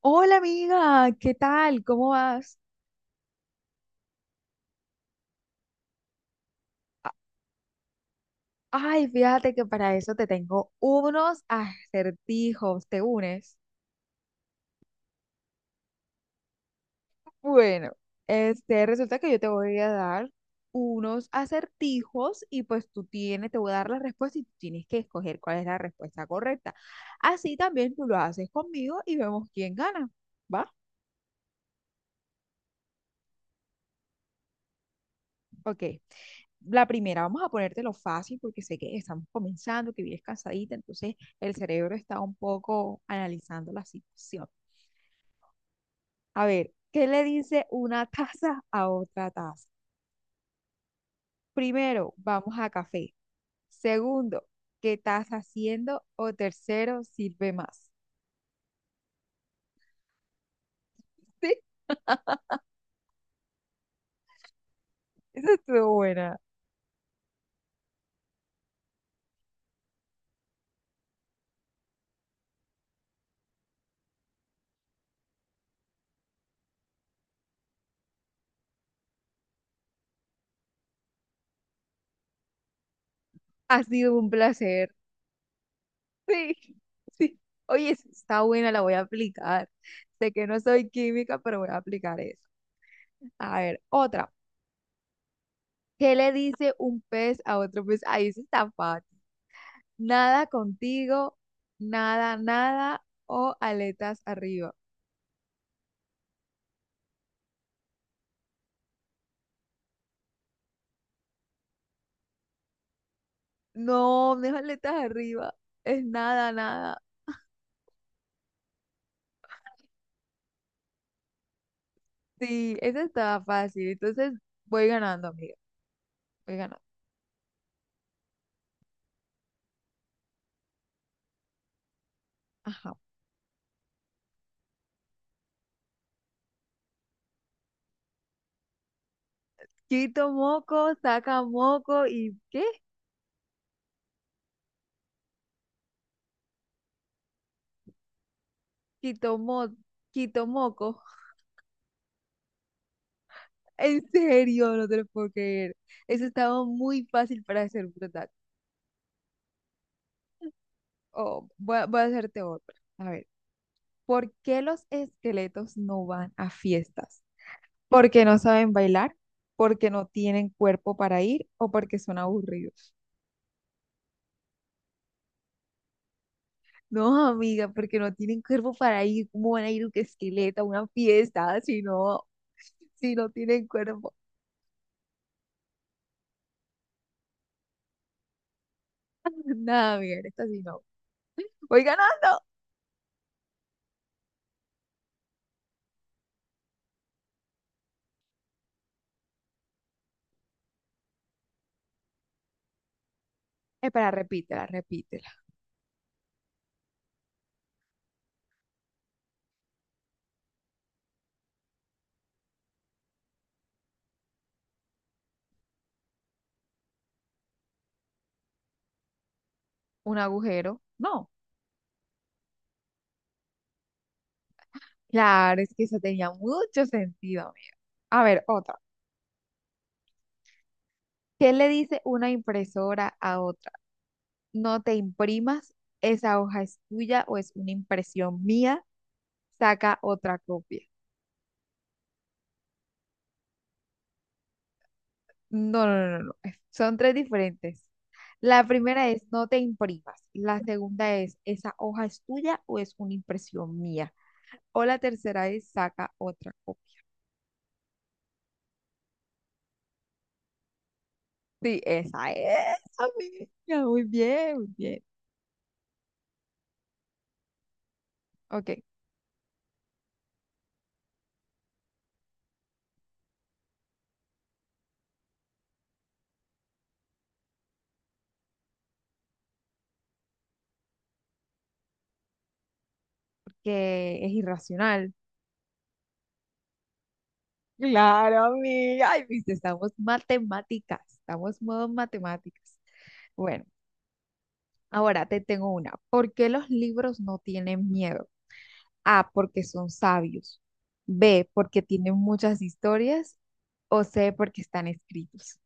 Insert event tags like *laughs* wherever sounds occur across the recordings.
Hola amiga, ¿qué tal? ¿Cómo vas? A- Ay, fíjate que para eso te tengo unos acertijos, ¿te unes? Bueno, resulta que yo te voy a dar unos acertijos y pues tú tienes, te voy a dar la respuesta y tú tienes que escoger cuál es la respuesta correcta. Así también tú lo haces conmigo y vemos quién gana, ¿va? Ok. La primera, vamos a ponértelo fácil porque sé que estamos comenzando, que vienes cansadita, entonces el cerebro está un poco analizando la situación. A ver, ¿qué le dice una *laughs* taza a otra taza? Primero, vamos a café. Segundo, ¿qué estás haciendo? O tercero, sirve más. *laughs* Sí, esa estuvo buena. Ha sido un placer. Sí, *laughs* sí. Oye, esa está buena, la voy a aplicar. Sé que no soy química, pero voy a aplicar eso. A ver, otra. ¿Qué le dice un pez a otro pez? Ahí sí está fácil. Nada contigo, nada, nada o aletas arriba. No, no es aletas arriba, es nada, nada. Sí, eso estaba fácil. Entonces voy ganando, amiga. Voy ganando. Ajá. Quito moco, saca moco y ¿qué? Quito mo, quito moco. *laughs* En serio, no te lo puedo creer. Eso estaba muy fácil para ser verdad. Oh, voy a hacerte otra. A ver. ¿Por qué los esqueletos no van a fiestas? ¿Porque no saben bailar? ¿Porque no tienen cuerpo para ir? ¿O porque son aburridos? No, amiga, porque no tienen cuerpo para ir. ¿Cómo van a ir un esqueleto a una fiesta si no tienen cuerpo? *laughs* Nada, amiga, en esta sí no. Voy ganando. Espera, repítela, repítela. ¿Un agujero? No. Claro, es que eso tenía mucho sentido, amiga. A ver, otra. ¿Qué le dice una impresora a otra? No te imprimas, esa hoja es tuya o es una impresión mía, saca otra copia. No, no, no, no, no, es- son tres diferentes. La primera es no te imprimas, la segunda es esa hoja es tuya o es una impresión mía, o la tercera es saca otra copia. Sí, esa es, amiga, muy bien, muy bien. Ok, porque es irracional. Claro, amiga, ay, viste, estamos matemáticas, estamos modo matemáticas. Bueno. Ahora te tengo una. ¿Por qué los libros no tienen miedo? A, porque son sabios. B, porque tienen muchas historias. O C, porque están escritos.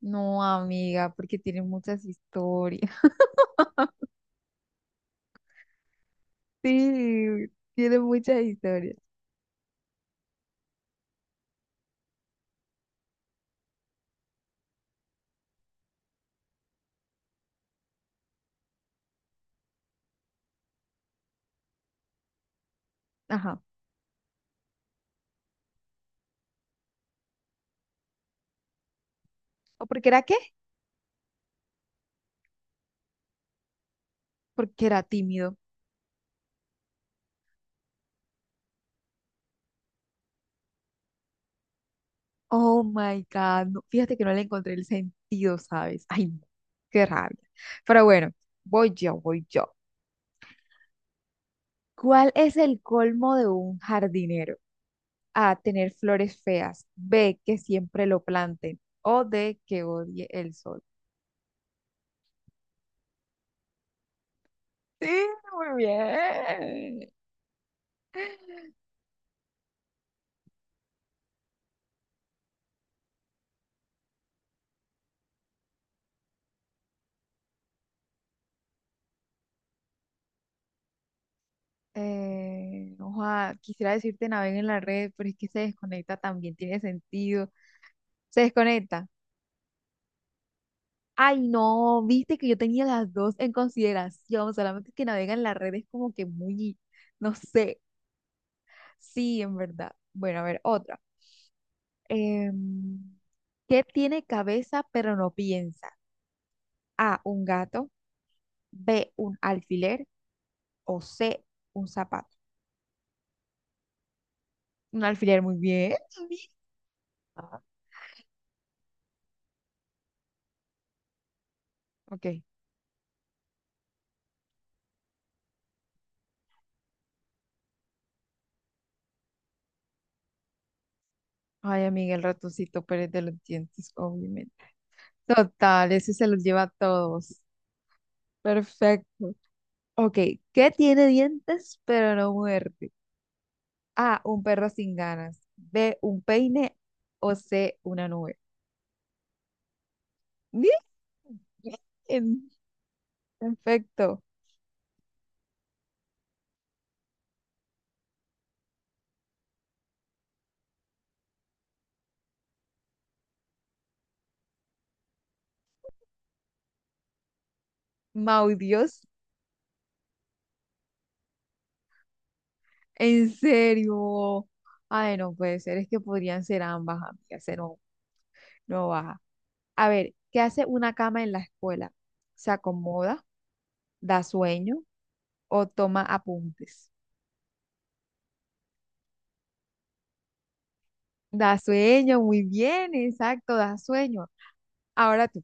No, amiga, porque tienen muchas historias. *laughs* Sí, tienen muchas historias. Ajá. ¿O porque era qué? Porque era tímido. Oh my God. No, fíjate que no le encontré el sentido, ¿sabes? Ay, no, qué rabia. Pero bueno, voy yo, voy yo. ¿Cuál es el colmo de un jardinero? A, tener flores feas. B, que siempre lo planten. O D, que odie el sol. Sí, muy bien. Ojalá, quisiera decirte naveguen en la red, pero es que se desconecta también, tiene sentido. Se desconecta. Ay, no, viste que yo tenía las dos en consideración, solamente que navega en la red es como que muy, no sé. Sí, en verdad. Bueno, a ver, otra. Em, ¿Qué tiene cabeza pero no piensa? A, un gato. B, un alfiler o C, un zapato. Un alfiler, muy bien. Amiga. Ok. Ay, amiga, el ratoncito Pérez de los dientes, obviamente. Total, ese se los lleva a todos. Perfecto. Ok, ¿qué tiene dientes pero no muerde? A, un perro sin ganas. B, un peine o C, una nube. Bien, bien. Perfecto. Mau Dios, en serio. Ay, no puede ser, es que podrían ser ambas, amigas. Se nos no baja. A ver, ¿qué hace una cama en la escuela? ¿Se acomoda? ¿Da sueño? ¿O toma apuntes? Da sueño, muy bien, exacto, da sueño. Ahora tú,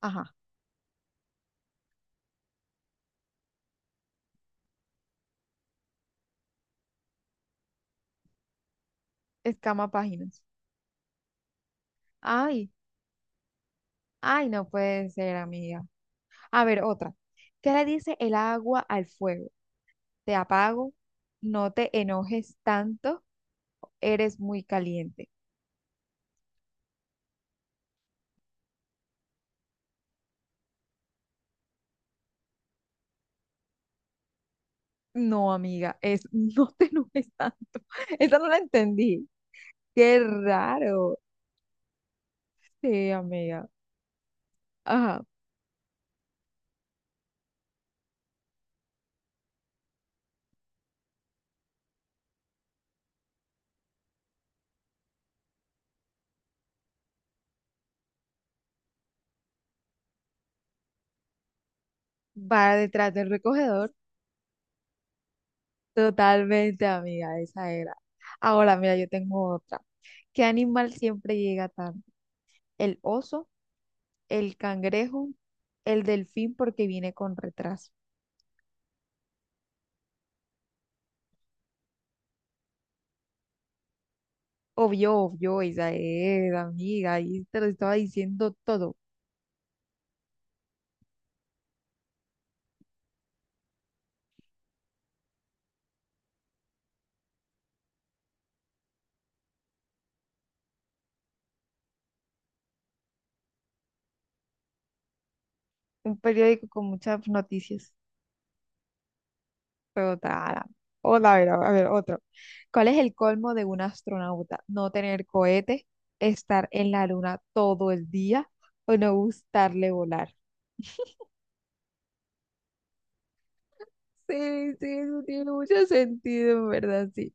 ajá, escama páginas. Ay, ay, no puede ser, amiga. A ver, otra. ¿Qué le dice el agua al fuego? ¿Te apago? ¿No te enojes tanto? ¿Eres muy caliente? No, amiga, es *laughs* no te enojes tanto. *laughs* Esa no la entendí. Qué raro. Sí, amiga. Ajá. Va detrás del recogedor. Totalmente, amiga, esa era. Ahora, mira, yo tengo otra. ¿Qué animal siempre llega tarde? ¿El oso, el cangrejo, el delfín porque viene con retraso? Obvio, obvio, esa es, amiga. Ahí te lo estaba diciendo todo. Un periódico con muchas noticias. Total. Hola, a ver, otro. ¿Cuál es el colmo de un astronauta? ¿No tener cohete, estar en la luna todo el día o no gustarle volar? Sí, sí, eso tiene mucho sentido, en verdad, sí.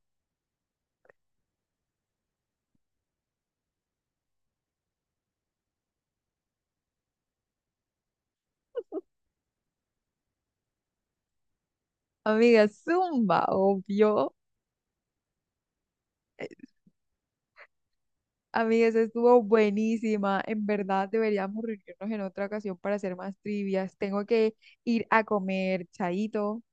Amiga, zumba, obvio. Amigas, estuvo buenísima. En verdad, deberíamos reunirnos en otra ocasión para hacer más trivias. Tengo que ir a comer, chaito.